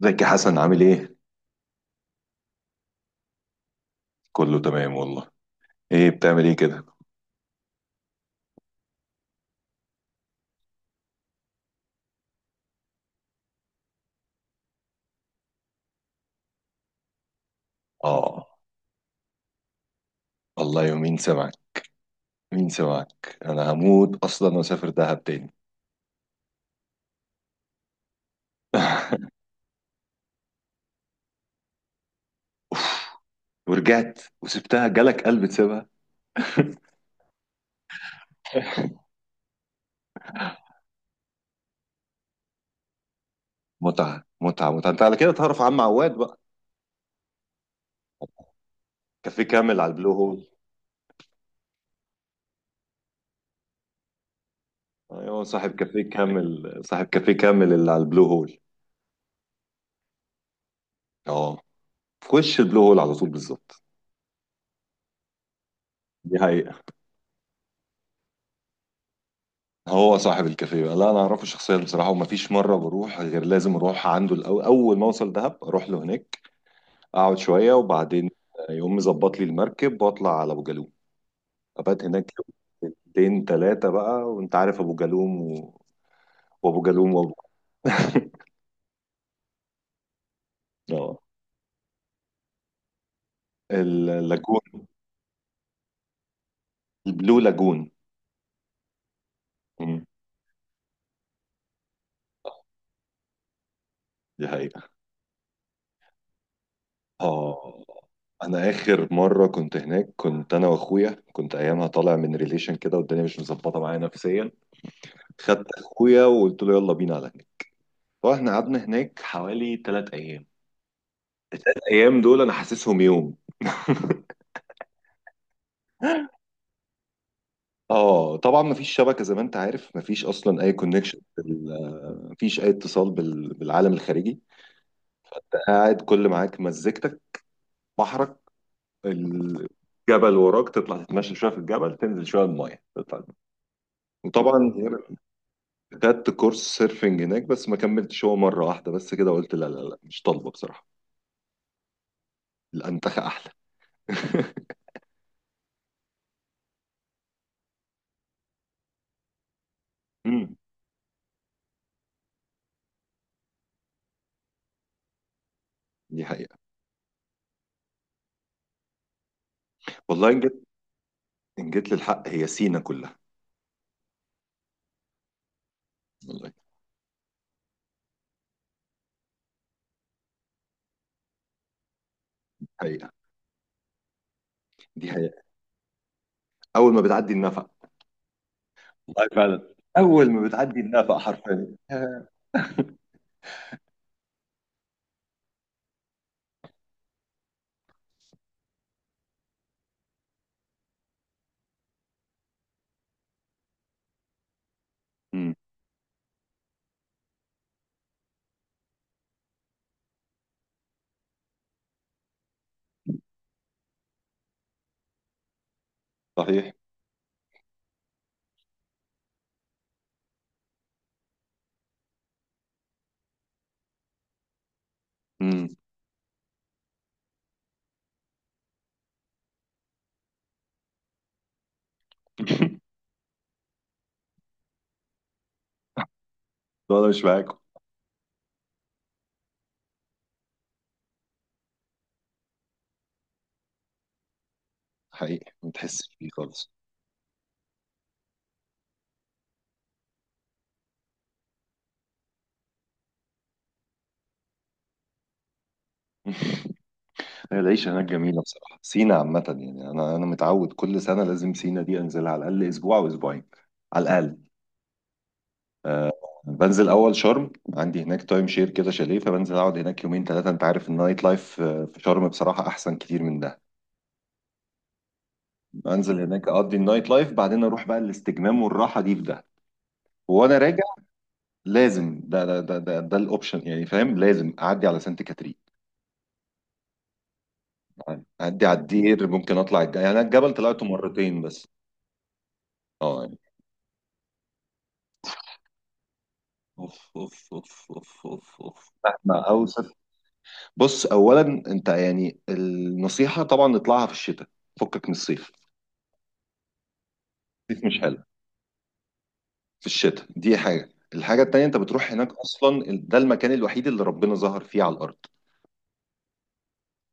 زكي حسن عامل ايه؟ كله تمام والله. ايه بتعمل ايه كده؟ اه، الله يومين سمعك. مين سمعك، انا هموت اصلا واسافر دهب تاني. ورجعت وسبتها، جالك قلب تسيبها؟ متعة متعة متعة. انت على كده تعرف عم عواد بقى، كافيه كامل على البلو هول. ايوه، صاحب كافيه كامل اللي على البلو هول. اه، في وش البلو هول على طول بالظبط. دي حقيقة. هو صاحب الكافيه بقى. لا انا اعرفه شخصيا بصراحة، ومفيش مرة بروح غير لازم اروح عنده الاول. اول ما اوصل دهب اروح له هناك، اقعد شويه، وبعدين يقوم مظبط لي المركب واطلع على ابو جالوم، ابات هناك يومين ثلاثه بقى. وانت عارف ابو جالوم وابو جالوم وابو اه، اللاجون، البلو لاجون. مم. دي حقيقة. اه، انا اخر مرة كنت هناك كنت انا واخويا، كنت ايامها طالع من ريليشن كده والدنيا مش مظبطة معايا نفسيا. خدت اخويا وقلت له يلا بينا على هناك. فاحنا قعدنا هناك حوالي 3 ايام. الايام دول انا حاسسهم يوم. اه، طبعا مفيش شبكه زي ما انت عارف، مفيش اصلا اي كونكشن، مفيش اي اتصال بالعالم الخارجي. أنت قاعد، كل معاك مزيكتك، بحرك، الجبل وراك، تطلع تتمشى شويه في الجبل، تنزل شويه المايه، تطلع. وطبعا خدت كورس سيرفنج هناك، بس ما كملتش، هو مره واحده بس كده قلت لا لا لا، مش طالبه بصراحه. الانتخه احلى. امم دي حقيقه. والله ان جيت للحق، هي سينا كلها والله. حقيقه، دي حقيقه. اول ما بتعدي النفق، والله فعلا اول ما بتعدي النافق حرفيا، آه. امم، صحيح. امم لا انا مش معاكم. حقيقي ما تحسش بيه خالص. هي العيشة هناك جميلة بصراحة، سينا عامة يعني. أنا متعود كل سنة لازم سينا دي أنزلها على الأقل أسبوع أو أسبوعين، على الأقل، أه. بنزل أول شرم، عندي هناك تايم شير كده، شاليه، فبنزل أقعد هناك يومين ثلاثة، أنت عارف النايت لايف في شرم بصراحة أحسن كتير من ده. بنزل هناك أقضي النايت لايف، بعدين أروح بقى الاستجمام والراحة دي في ده. وأنا راجع، لازم ده الاوبشن، يعني فاهم، لازم اعدي على سانت كاترين، اعدي على الدير، ممكن اطلع يعني، أنا الجبل طلعته مرتين بس. اه يعني، اوف اوف اوف اوف اوف اوف، احنا اوسط. بص اولا، انت يعني النصيحه طبعا نطلعها في الشتاء، فكك من الصيف. الصيف مش حلو، في الشتاء دي حاجه. الحاجه التانيه، انت بتروح هناك اصلا ده المكان الوحيد اللي ربنا ظهر فيه على الارض.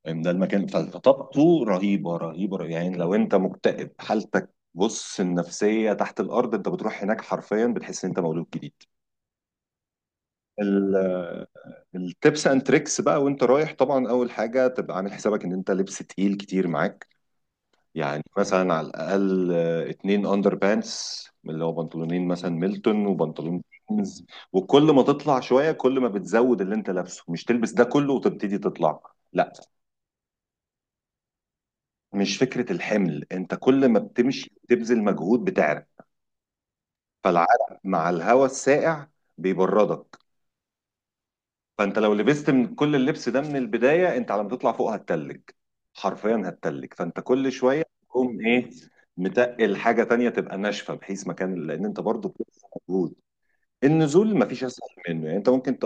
ده المكان فطاقته رهيبه رهيبه رهيبة. يعني لو انت مكتئب، حالتك بص النفسيه تحت الارض، انت بتروح هناك حرفيا بتحس ان انت مولود جديد. ال- التبس اند تريكس بقى وانت رايح، طبعا اول حاجه تبقى عامل حسابك ان انت لبس تقيل كتير معاك. يعني مثلا على الاقل 2 اندر بانس، اللي هو بنطلونين مثلا ميلتون، وبنطلون جينز. وكل ما تطلع شويه، كل ما بتزود اللي انت لابسه، مش تلبس ده كله وتبتدي تطلع، لا. مش فكرة الحمل، انت كل ما بتمشي بتبذل مجهود، بتعرق، فالعرق مع الهواء الساقع بيبردك. فانت لو لبست من كل اللبس ده من البداية، انت على ما تطلع فوق هتتلج، حرفيا هتتلج. فانت كل شوية تقوم ايه، متقل حاجة تانية تبقى ناشفة بحيث مكان، لان انت برضو بتبذل مجهود. النزول مفيش اسهل منه، يعني انت ممكن.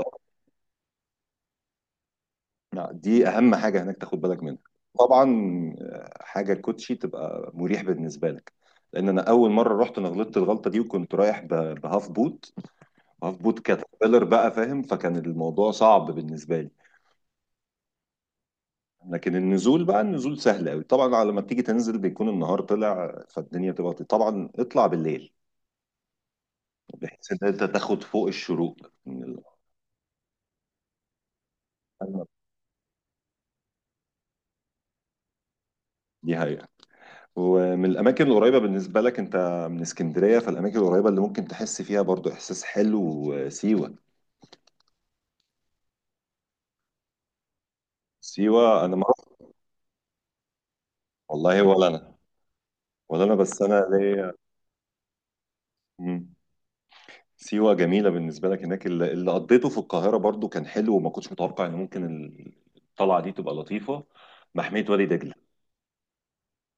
لا، دي اهم حاجه هناك تاخد بالك منها. طبعا حاجه الكوتشي تبقى مريح بالنسبه لك، لان انا اول مره رحت انا غلطت الغلطه دي، وكنت رايح بهاف بوت، هاف بوت كاتربيلر بقى فاهم، فكان الموضوع صعب بالنسبه لي. لكن النزول بقى، النزول سهل قوي. طبعا على ما بتيجي تنزل بيكون النهار طلع، فالدنيا بتبقى، طبعا اطلع بالليل بحيث ان انت تاخد فوق الشروق، من دي هي. ومن الأماكن القريبة بالنسبة لك أنت، من اسكندرية، فالأماكن القريبة اللي ممكن تحس فيها برضو إحساس حلو سيوة. سيوة أنا ما رحت. والله ولا أنا بس أنا ليا. مم. سيوة جميلة بالنسبة لك هناك. اللي قضيته في القاهرة برضو كان حلو، وما كنتش متوقع إن ممكن الطلعة دي تبقى لطيفة. محمية وادي دجلة،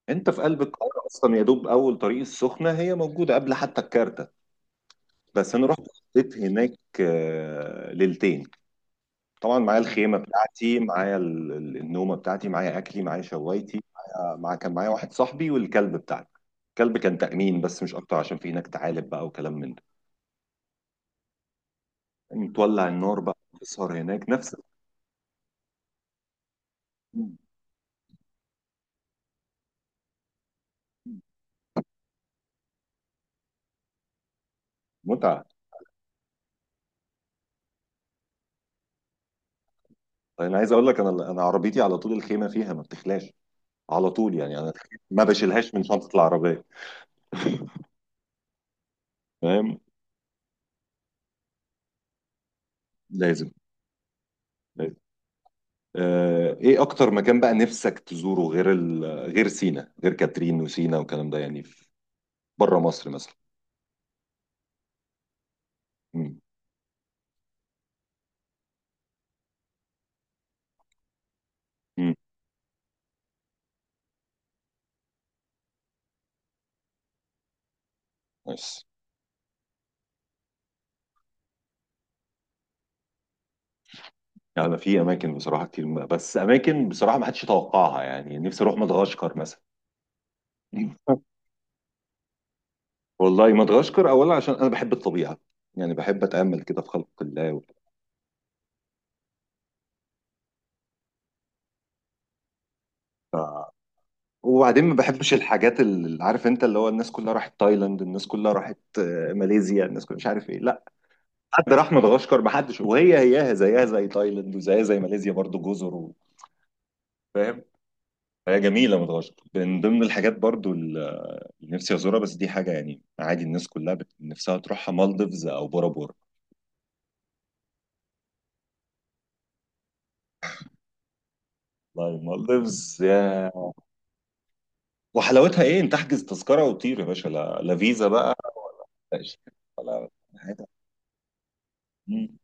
أنت في قلب القاهرة أصلا، يا دوب أول طريق السخنة، هي موجودة قبل حتى الكارتة. بس أنا رحت قضيت هناك ليلتين. طبعا معايا الخيمه بتاعتي، معايا النومه بتاعتي، معايا اكلي، معايا شوايتي، معايا، كان معايا واحد صاحبي والكلب بتاعتي. الكلب كان تأمين بس، مش اكتر، عشان في هناك تعالب بقى وكلام من ده. متولع النار بقى، تسهر هناك، نفس متعه. طيب انا عايز اقول لك، انا انا عربيتي على طول الخيمه فيها، ما بتخلاش على طول، يعني انا ما بشيلهاش من شنطه العربيه. فاهم. لازم، لازم. ايه اكتر مكان بقى نفسك تزوره، غير غير سينا، غير كاترين وسينا والكلام ده، يعني في بره مصر مثلا. مم. مم. بس يعني في اماكن بصراحه كتير، بس اماكن بصراحه ما حدش يتوقعها. يعني نفسي اروح مدغشقر مثلا. والله مدغشقر اولا عشان انا بحب الطبيعه، يعني بحب اتامل كده في خلق الله وبتاع. ف... وبعدين ما بحبش الحاجات اللي عارف انت، اللي هو الناس كلها راحت تايلاند، الناس كلها راحت ماليزيا، الناس كلها مش عارف ايه. لا حد راح مدغشقر، ما حدش، وهي هياها زيها زي تايلاند وزيها زي ماليزيا، برضو جزر فاهم. هي جميلة مدغشقر من ضمن الحاجات برضو اللي نفسي أزورها. بس دي حاجة يعني عادي، الناس كلها نفسها تروحها مالديفز أو بورا بورا. والله مالديفز يا، وحلاوتها إيه؟ أنت تحجز تذكرة وتطير يا باشا، لا, لا فيزا بقى، لا شيك ولا حاجة. مم.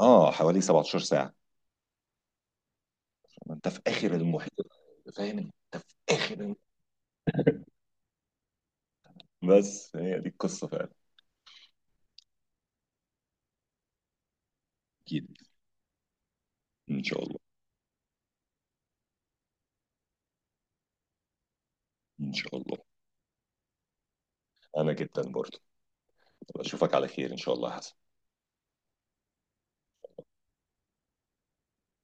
حوالي 17 ساعة. ما أنت في آخر المحيط. فاهم أنت في آخر المحيط. بس هي دي القصة فعلا. أكيد إن شاء الله. إن شاء الله أنا جدا برضو. أشوفك على خير إن شاء الله يا حسن.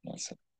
مع السلامة.